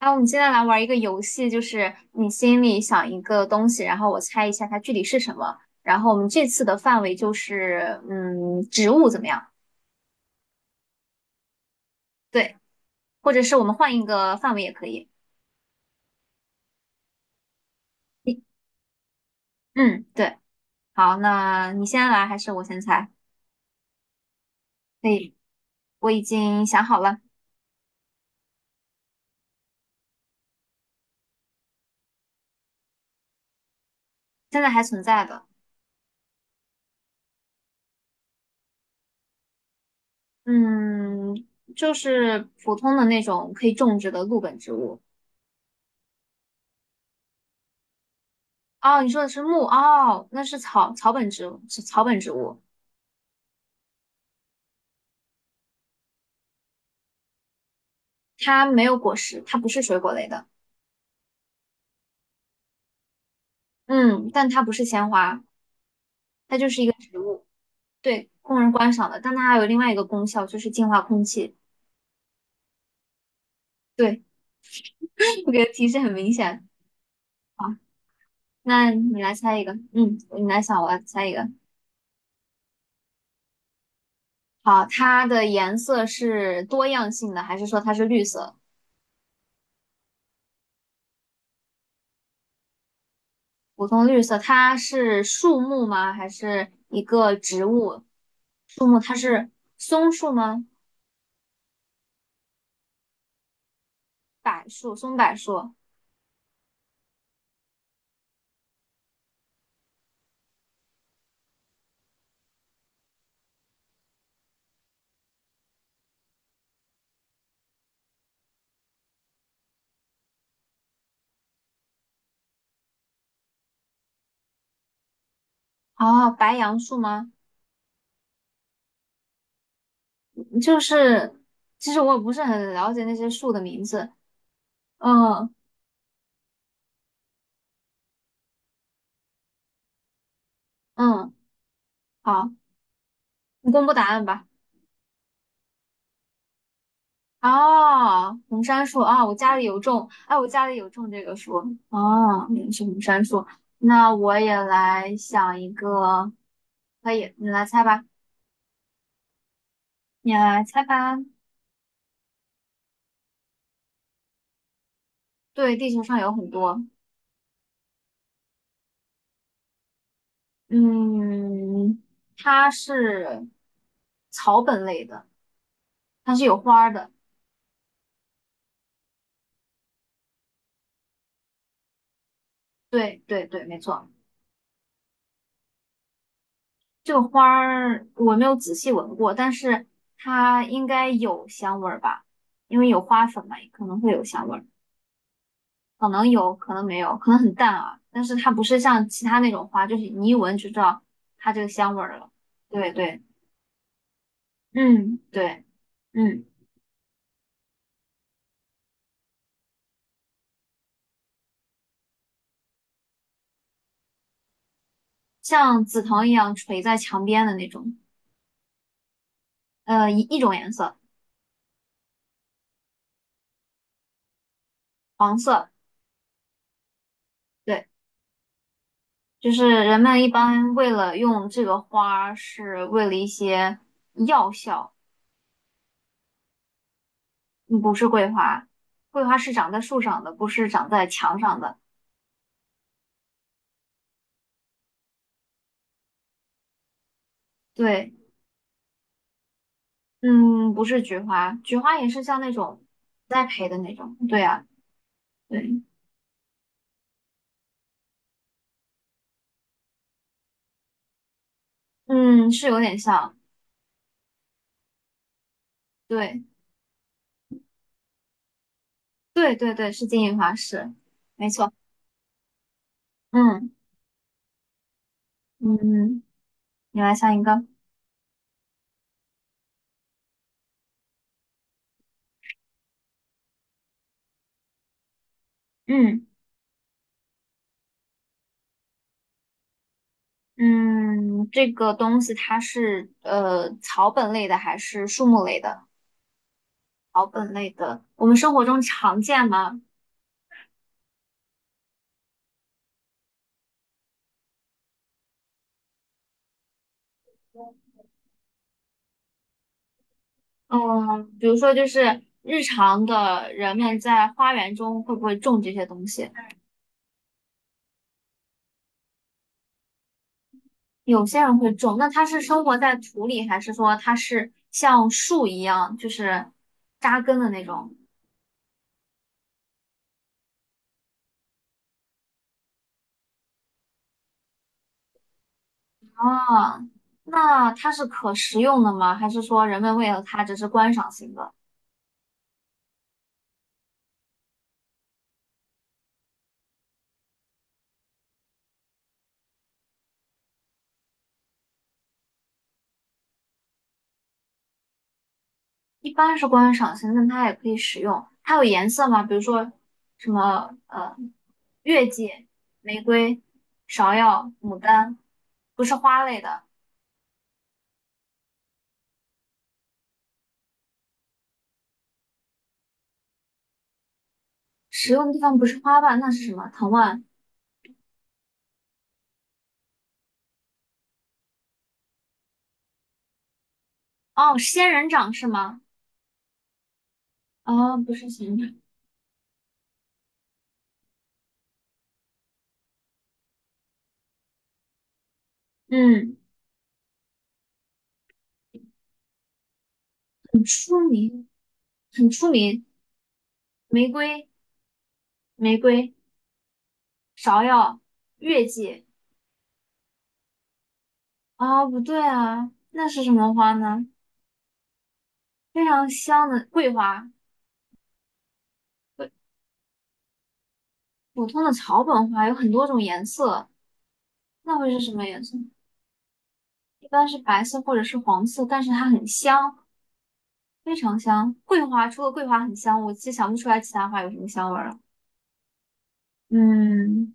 那我们现在来玩一个游戏，就是你心里想一个东西，然后我猜一下它具体是什么。然后我们这次的范围就是，植物怎么样？对，或者是我们换一个范围也可以。你嗯，对。好，那你先来还是我先猜？可以，我已经想好了。现在还存在的。嗯，就是普通的那种可以种植的陆本植物。哦，你说的是木，哦，那是草本植物，是草本植物。它没有果实，它不是水果类的。嗯，但它不是鲜花，它就是一个植物。对，供人观赏的。但它还有另外一个功效，就是净化空气。对，这个提示很明显。好，那你来猜一个，你来想，我来猜一个。好，它的颜色是多样性的，还是说它是绿色？普通绿色，它是树木吗？还是一个植物？树木，它是松树吗？柏树、松柏树，哦，白杨树吗？就是其实我也不是很了解那些树的名字。嗯嗯，好，你公布答案吧。哦，红杉树啊，我家里有种，哎，我家里有种这个树。哦，原来是红杉树。那我也来想一个，可以，你来猜吧。对，地球上有很多。嗯，它是草本类的，它是有花儿的。对对对，没错。这个花儿我没有仔细闻过，但是它应该有香味儿吧，因为有花粉嘛，可能会有香味儿，可能有，可能没有，可能很淡啊。但是它不是像其他那种花，就是你一闻就知道它这个香味儿了。对对，嗯，对，嗯，像紫藤一样垂在墙边的那种，一种颜色。对，就是人们一般为了用这个花儿，是为了一些药效。嗯，不是桂花，桂花是长在树上的，不是长在墙上的。对，嗯，不是菊花，菊花也是像那种栽培的那种。对啊，对，嗯，是有点像。对，对对对，是金银花，是，没错。嗯嗯，你来想一个。嗯嗯，这个东西它是草本类的还是树木类的？草本，我们生活中常见吗？嗯，比如说就是日常的人们在花园中会不会种这些东西？有些人会种，那它是生活在土里，还是说它是像树一样，就是扎根的那种？啊，那它是可食用的吗？还是说人们为了它只是观赏性的？一般是观赏性，但它也可以食用。它有颜色吗？比如说什么呃，月季、玫瑰、芍药、牡丹，不是花类的。使用的地方不是花瓣，那是什么？藤蔓？哦，仙人掌是吗？哦，不是仙人掌。嗯，很出名，很出名。玫瑰，玫瑰，芍药，月季。啊，不对啊，那是什么花呢？非常香的桂花，桂普通的草本花有很多种颜色，那会是什么颜色？一般是白色或者是黄色，但是它很香，非常香。桂花除了桂花很香，我其实想不出来其他花有什么香味儿了。嗯。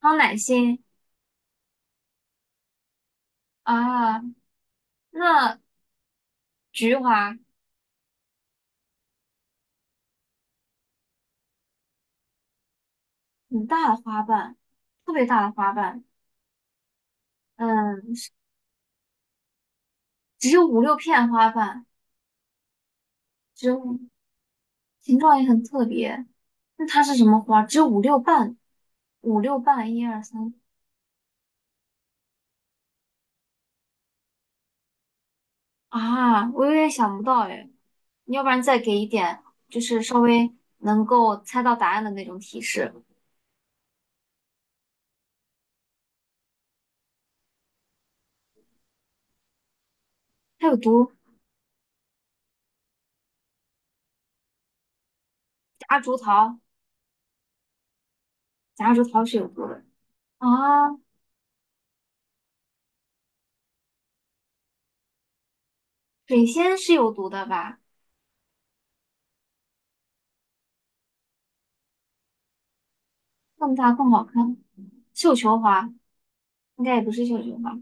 康乃馨啊，那菊花很大的花瓣，特别大的花瓣，嗯，只有五六片花瓣，只有形状也很特别。那它是什么花？只有五六瓣，五六瓣，一二三啊，我有点想不到哎。你要不然再给一点，就是稍微能够猜到答案的那种提示。它有毒，夹竹桃，夹竹桃是有毒的啊，水仙是有毒的吧？更大更好看。绣球花应该也不是绣球花，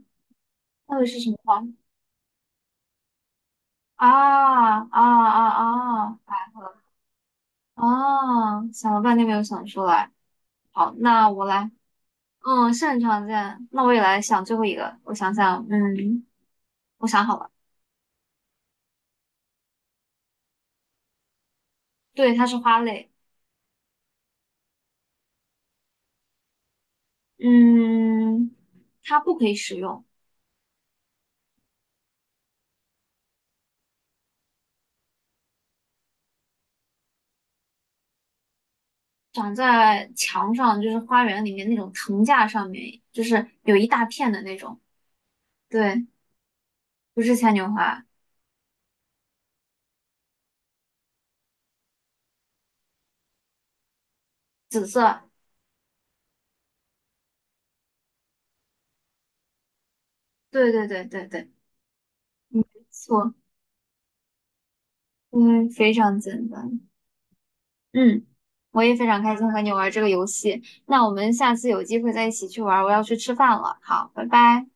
那个是什么花？啊啊啊啊！百合啊！想了半天没有想出来。好，那我来，嗯，是很常见。那我也来想最后一个，我想想，嗯，我想好了，对，它是花类。嗯，它不可以使用，长在墙上，就是花园里面那种藤架上面，就是有一大片的那种。对，不是牵牛花，紫色。对对对对对，错。嗯，非常简单。嗯，我也非常开心和你玩这个游戏。那我们下次有机会再一起去玩，我要去吃饭了。好，拜拜。